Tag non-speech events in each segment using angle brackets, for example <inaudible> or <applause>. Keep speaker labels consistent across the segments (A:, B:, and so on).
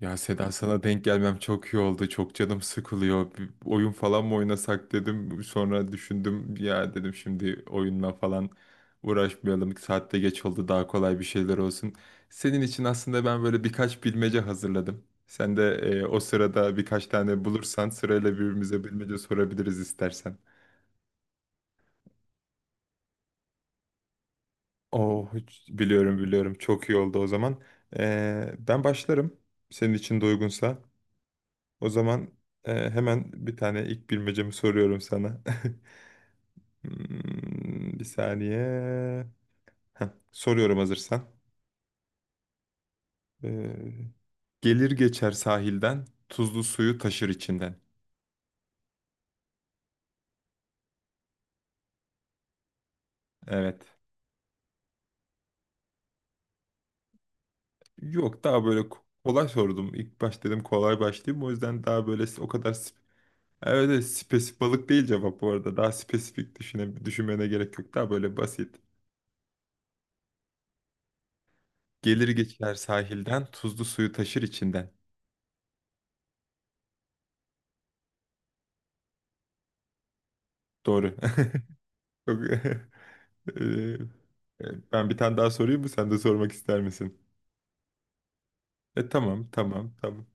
A: Ya Seda sana denk gelmem çok iyi oldu. Çok canım sıkılıyor. Bir oyun falan mı oynasak dedim. Sonra düşündüm ya dedim şimdi oyunla falan uğraşmayalım. Saatte geç oldu daha kolay bir şeyler olsun. Senin için aslında ben böyle birkaç bilmece hazırladım. Sen de o sırada birkaç tane bulursan sırayla birbirimize bilmece sorabiliriz istersen. Oh biliyorum, biliyorum, çok iyi oldu o zaman. Ben başlarım senin için de uygunsa. O zaman hemen bir tane ilk bilmecemi soruyorum sana. <laughs> Hmm, bir saniye. Heh, soruyorum hazırsan. Ee, Gelir geçer sahilden, tuzlu suyu taşır içinden. Evet. Yok, daha böyle kolay sordum. İlk baş dedim kolay başlayayım. O yüzden daha böyle o kadar evet, evet, spesifik balık değil cevap bu arada. Daha spesifik düşünmene gerek yok. Daha böyle basit. Gelir geçer sahilden, tuzlu suyu taşır içinden. Doğru. <laughs> Çok- <laughs> Ee, Ben bir tane daha sorayım mı? Sen de sormak ister misin? E tamam, tamam, tamam.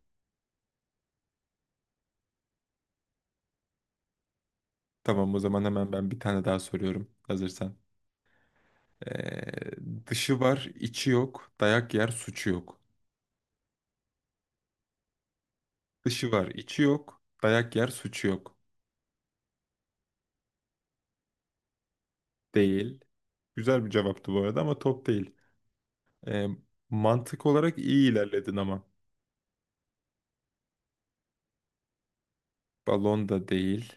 A: Tamam, o zaman hemen ben bir tane daha soruyorum. Hazırsan. Dışı var, içi yok. Dayak yer, suçu yok. Dışı var, içi yok. Dayak yer, suçu yok. Değil. Güzel bir cevaptı bu arada ama top değil. Ee, Mantık olarak iyi ilerledin ama. Balon da değil.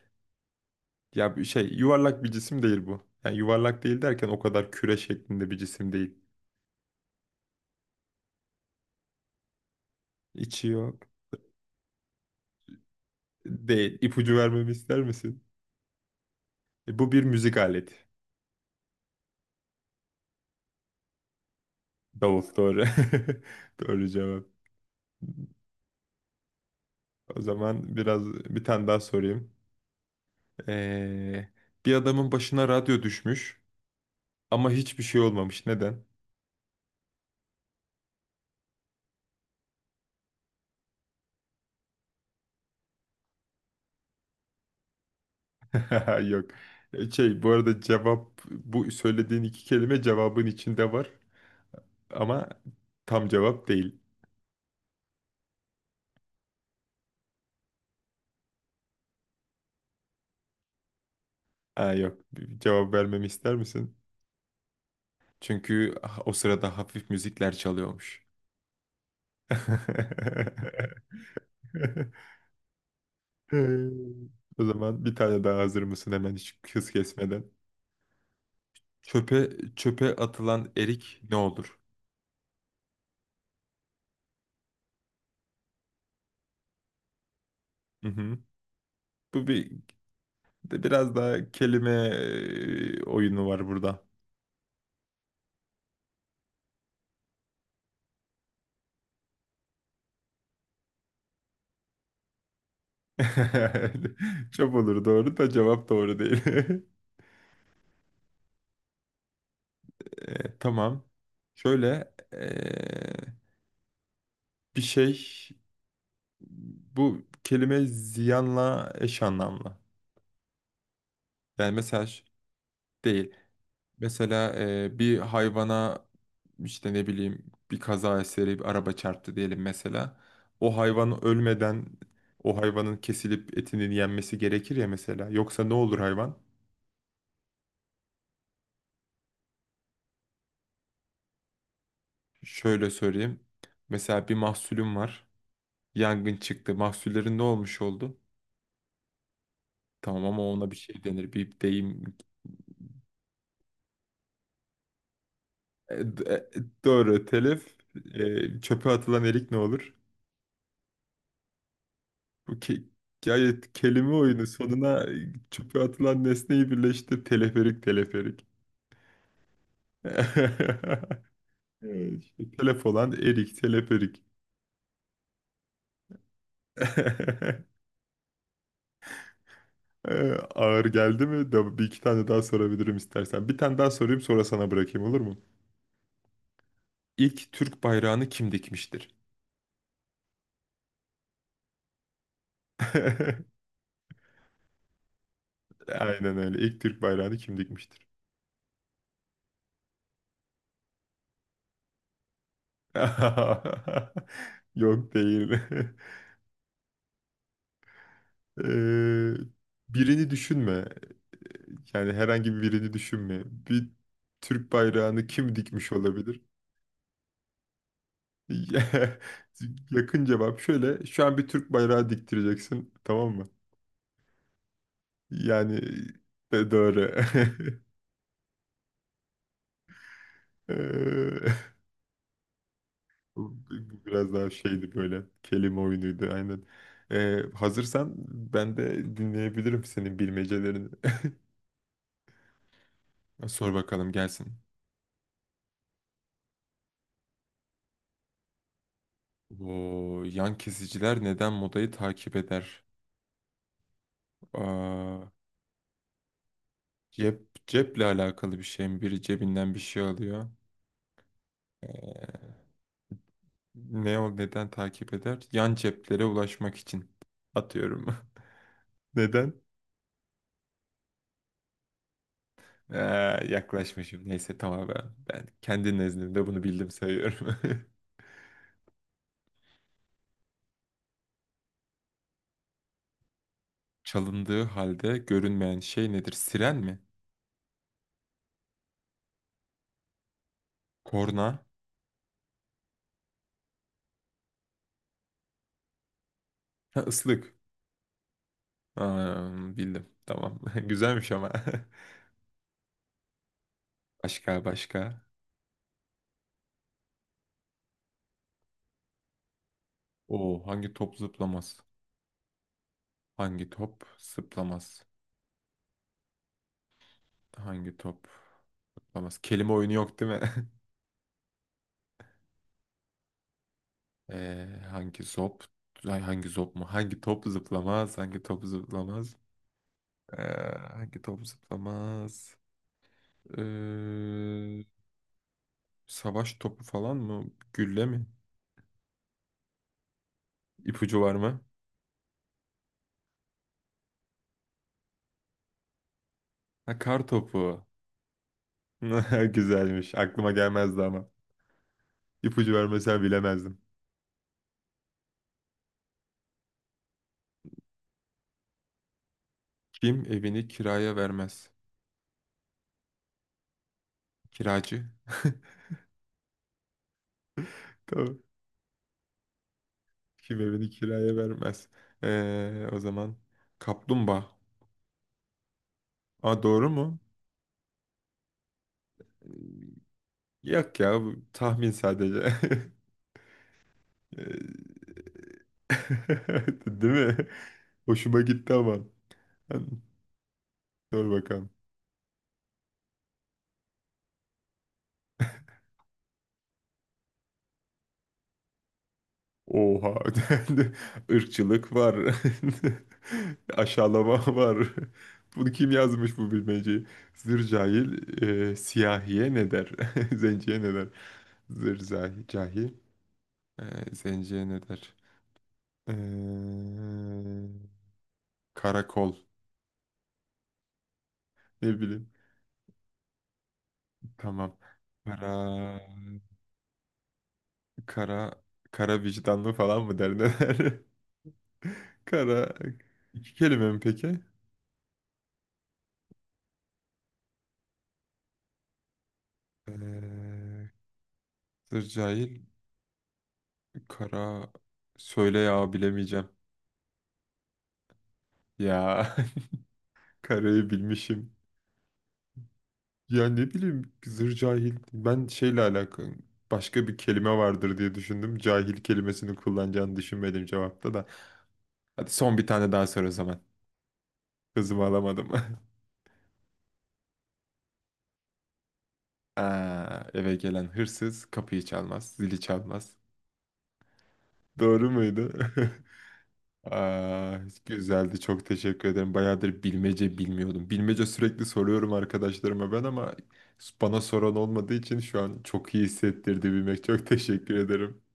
A: Ya bir şey, yuvarlak bir cisim değil bu. Yani yuvarlak değil derken o kadar küre şeklinde bir cisim değil. İçi yok. Değil. İpucu vermemi ister misin? E, bu bir müzik aleti. Davul doğru. <laughs> Doğru cevap. O zaman biraz bir tane daha sorayım. Ee, Bir adamın başına radyo düşmüş ama hiçbir şey olmamış. Neden? <laughs> Yok. E, şey, bu arada cevap, bu söylediğin iki kelime cevabın içinde var ama tam cevap değil. Ha, yok. Bir cevap vermemi ister misin? Çünkü ah, o sırada hafif müzikler çalıyormuş. <laughs> Ee, O zaman bir tane daha, hazır mısın hemen hiç hız kesmeden? Çöpe Çöpe atılan erik ne olur? Hı hı. Bu bir de biraz daha kelime oyunu var burada. <laughs> Çöp olur doğru da cevap doğru değil. <laughs> Tamam. Şöyle bir şey, bu kelime ziyanla eş anlamlı. Yani mesaj değil. Mesela bir hayvana işte ne bileyim bir kaza eseri bir araba çarptı diyelim mesela. O hayvan ölmeden o hayvanın kesilip etinin yenmesi gerekir ya mesela. Yoksa ne olur hayvan? Şöyle söyleyeyim. Mesela bir mahsulüm var. Yangın çıktı. Mahsullerin ne olmuş oldu? Tamam ama ona bir şey denir. Bir deyim. E, d- doğru, telif. E, çöpe atılan erik ne olur? Bu ke Gayet kelime oyunu. Sonuna çöpe atılan nesneyi birleştir. Teleferik, teleferik. <laughs> Evet, işte telef olan erik, teleferik. <laughs> Ağır geldi mi? Da bir iki tane daha sorabilirim istersen. Bir tane daha sorayım, sonra sana bırakayım, olur mu? İlk Türk bayrağını kim dikmiştir? <laughs> Aynen öyle. İlk Türk bayrağını kim dikmiştir? <laughs> Yok, değil. <laughs> Ee, Birini düşünme. Yani herhangi birini düşünme. Bir Türk bayrağını kim dikmiş olabilir? <laughs> Yakın cevap şöyle. Şu an bir Türk bayrağı diktireceksin, tamam mı? Yani doğru. <laughs> Eee, bu bu biraz daha şeydi böyle. Kelime oyunuydu aynen. Hazırsan ben de dinleyebilirim senin bilmecelerini. <laughs> Sor bakalım gelsin. Oo, yan kesiciler neden modayı takip eder? Aa, cep, ceple alakalı bir şey mi? Biri cebinden bir şey alıyor. Ee, Ne o, neden takip eder? Yan ceplere ulaşmak için atıyorum. <laughs> Neden? Ee, Yaklaşmışım. Neyse tamam, ben, ben kendi nezdimde bunu bildim sayıyorum. <laughs> Çalındığı halde görünmeyen şey nedir? Siren mi? Korna? Ha, ıslık. Aa, bildim. Tamam. <laughs> Güzelmiş ama. <laughs> Başka, başka. O hangi top zıplamaz? Hangi top zıplamaz? Hangi top? Olmaz. Kelime oyunu yok değil mi? <laughs> Hangi zop? Ay, hangi zop mu? Hangi top zıplamaz? Hangi top zıplamaz? Ee, Hangi top zıplamaz? Ee, Savaş topu falan mı? Gülle mi? İpucu var mı? Ha, kar topu. <laughs> Güzelmiş. Aklıma gelmezdi ama. İpucu vermesen bilemezdim. Kim evini kiraya vermez? Kiracı. <laughs> Tamam. Kim evini kiraya vermez? O zaman kaplumbağa. Aa, doğru mu? Yok ya, bu tahmin sadece. <laughs> <laughs> Değil mi? Hoşuma gitti ama. Hani, dur bakalım. Oha. <laughs> Irkçılık var. <laughs> Aşağılama var. Bunu kim yazmış bu bilmeceyi? Zır cahil siyahiye ne der? <laughs> Zenciye ne der? Cahil zenciye ne der? Eee, Karakol. Ne bileyim. Tamam. Kara... Kara, kara vicdanlı falan mı der, ne der? <laughs> Kara, iki kelime mi peki? Ee, Sır cahil, kara, söyle ya, bilemeyeceğim. Ya <laughs> karayı bilmişim. Ya ne bileyim zır cahil. Ben şeyle alakalı başka bir kelime vardır diye düşündüm. Cahil kelimesini kullanacağını düşünmedim cevapta da. Hadi son bir tane daha sor o zaman. Kızımı alamadım. <laughs> Aa, eve gelen hırsız kapıyı çalmaz, zili çalmaz. Doğru muydu? <laughs> Aa, güzeldi. Çok teşekkür ederim. Bayağıdır bilmece bilmiyordum. Bilmece sürekli soruyorum arkadaşlarıma ben ama bana soran olmadığı için şu an çok iyi hissettirdi bilmek. Çok teşekkür ederim.